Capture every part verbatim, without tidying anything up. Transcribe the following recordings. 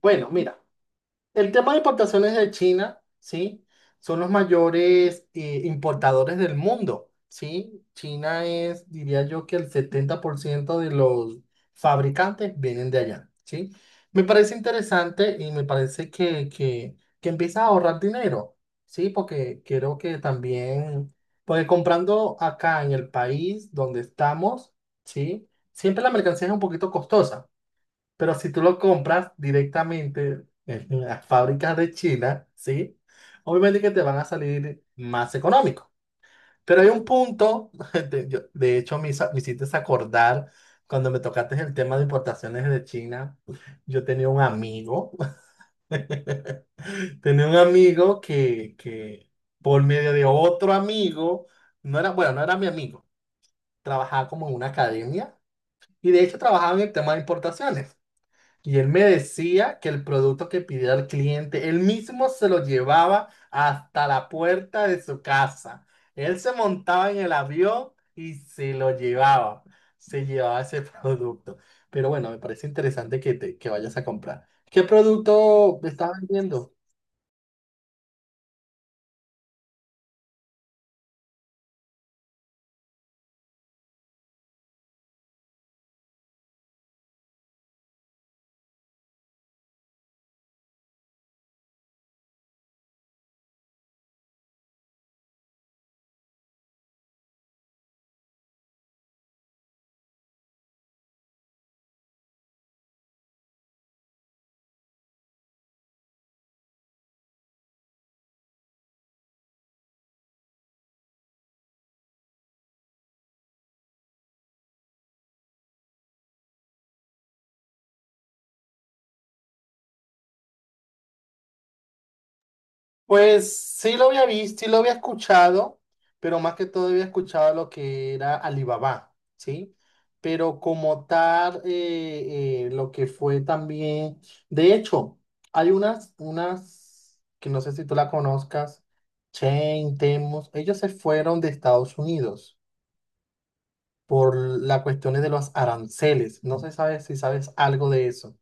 Bueno, mira, el tema de importaciones de China, ¿sí? Son los mayores eh, importadores del mundo, ¿sí? China es, diría yo, que el setenta por ciento de los fabricantes vienen de allá, ¿sí? Me parece interesante y me parece que, que, que empiezas a ahorrar dinero, ¿sí? Porque creo que también, porque comprando acá en el país donde estamos, ¿sí? Siempre la mercancía es un poquito costosa. Pero si tú lo compras directamente en las fábricas de China, ¿sí? Obviamente que te van a salir más económico. Pero hay un punto, de, yo- de hecho me, hizo- me hiciste acordar cuando me tocaste el tema de importaciones de China. Yo tenía un amigo, tenía un amigo que, que por medio de otro amigo, no era, bueno, no era mi amigo, trabajaba como en una academia y de hecho trabajaba en el tema de importaciones. Y él me decía que el producto que pidiera el cliente, él mismo se lo llevaba hasta la puerta de su casa. Él se montaba en el avión y se lo llevaba. Se llevaba ese producto. Pero bueno, me parece interesante que te, que vayas a comprar. ¿Qué producto estás vendiendo? Pues sí lo había visto, sí lo había escuchado, pero más que todo había escuchado lo que era Alibaba, ¿sí? Pero como tal, eh, eh, lo que fue también, de hecho, hay unas, unas, que no sé si tú la conozcas, Chain, Temos, ellos se fueron de Estados Unidos por las cuestiones de los aranceles. No sé sabe si sabes algo de eso.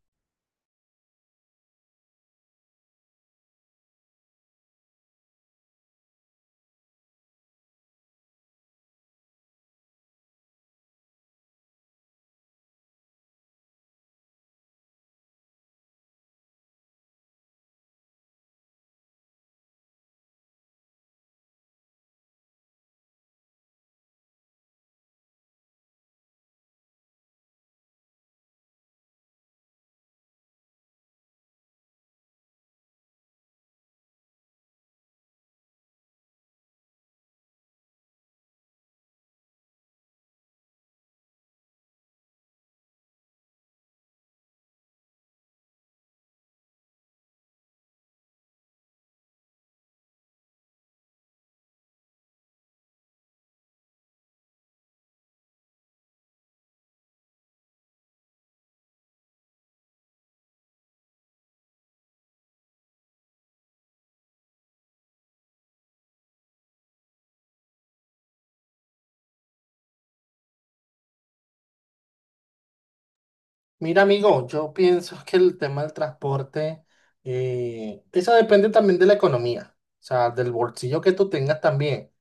Mira, amigo, yo pienso que el tema del transporte, eh, eso depende también de la economía, o sea, del bolsillo que tú tengas también,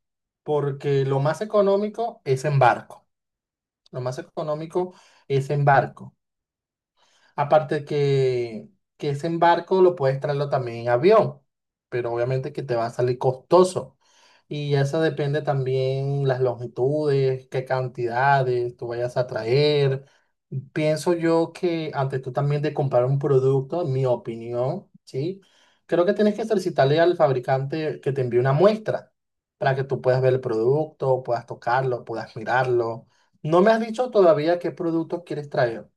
porque lo más económico es en barco, lo más económico es en barco. Aparte que, que ese embarco lo puedes traerlo también en avión, pero obviamente que te va a salir costoso. Y eso depende también las longitudes, qué cantidades tú vayas a traer. Pienso yo que antes tú también de comprar un producto, en mi opinión, ¿sí? Creo que tienes que solicitarle al fabricante que te envíe una muestra para que tú puedas ver el producto, puedas tocarlo, puedas mirarlo. No me has dicho todavía qué producto quieres traer.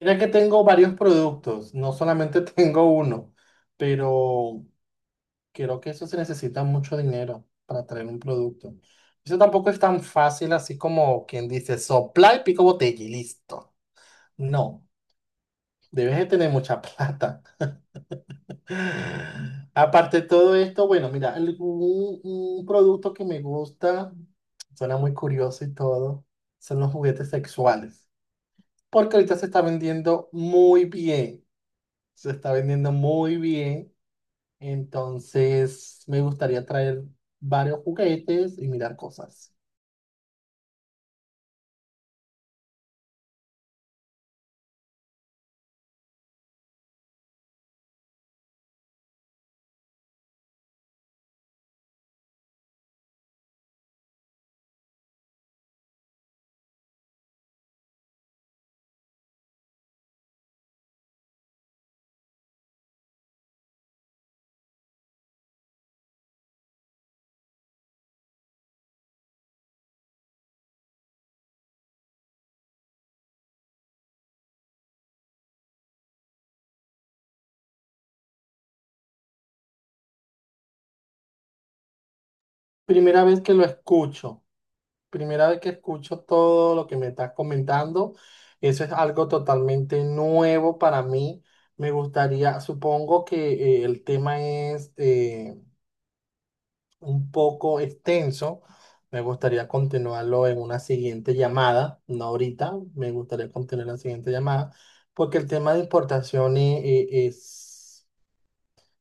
Mira que tengo varios productos, no solamente tengo uno, pero creo que eso se necesita mucho dinero para traer un producto. Eso tampoco es tan fácil así como quien dice sopla y pico botella y listo. No, debes de tener mucha plata. Aparte de todo esto, bueno, mira, algún- un un producto que me gusta, suena muy curioso y todo, son los juguetes sexuales, porque ahorita se está vendiendo muy bien. Se está vendiendo muy bien, entonces me gustaría traer varios juguetes y mirar cosas. Primera vez que lo escucho, primera vez que escucho todo lo que me estás comentando, eso es algo totalmente nuevo para mí. Me gustaría, supongo que eh, el tema es eh, un poco extenso. Me gustaría continuarlo en una siguiente llamada, no ahorita, me gustaría continuar la siguiente llamada, porque el tema de importación e- e- es,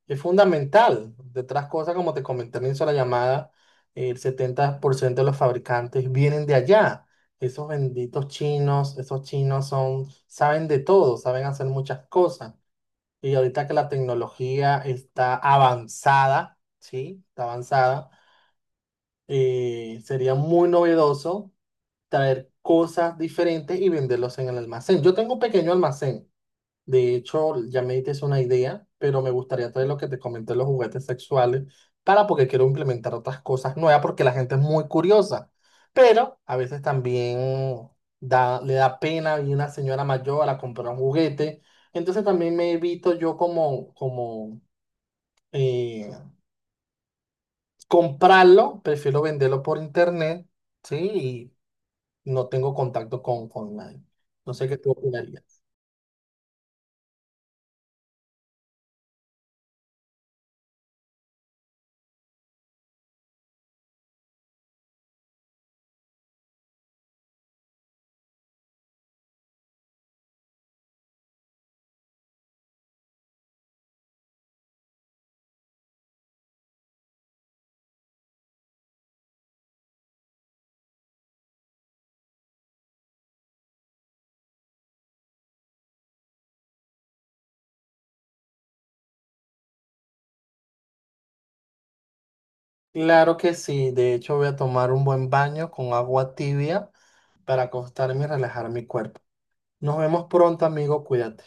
es fundamental. De otras cosas, como te comenté al inicio de la llamada, el setenta por ciento de los fabricantes vienen de allá. Esos benditos chinos, esos chinos son, saben de todo, saben hacer muchas cosas. Y ahorita que la tecnología está avanzada, ¿sí? Está avanzada, eh, sería muy novedoso traer cosas diferentes y venderlos en el almacén. Yo tengo un pequeño almacén. De hecho, ya me diste una idea, pero me gustaría traer lo que te comenté, los juguetes sexuales, para porque quiero implementar otras cosas nuevas, porque la gente es muy curiosa. Pero a veces también da, le da pena ir una señora mayor a comprar un juguete. Entonces también me evito yo como, como eh, comprarlo, prefiero venderlo por internet, ¿sí? Y no tengo contacto con, con nadie. No sé qué tú opinarías. Claro que sí, de hecho voy a tomar un buen baño con agua tibia para acostarme y relajar mi cuerpo. Nos vemos pronto, amigo, cuídate.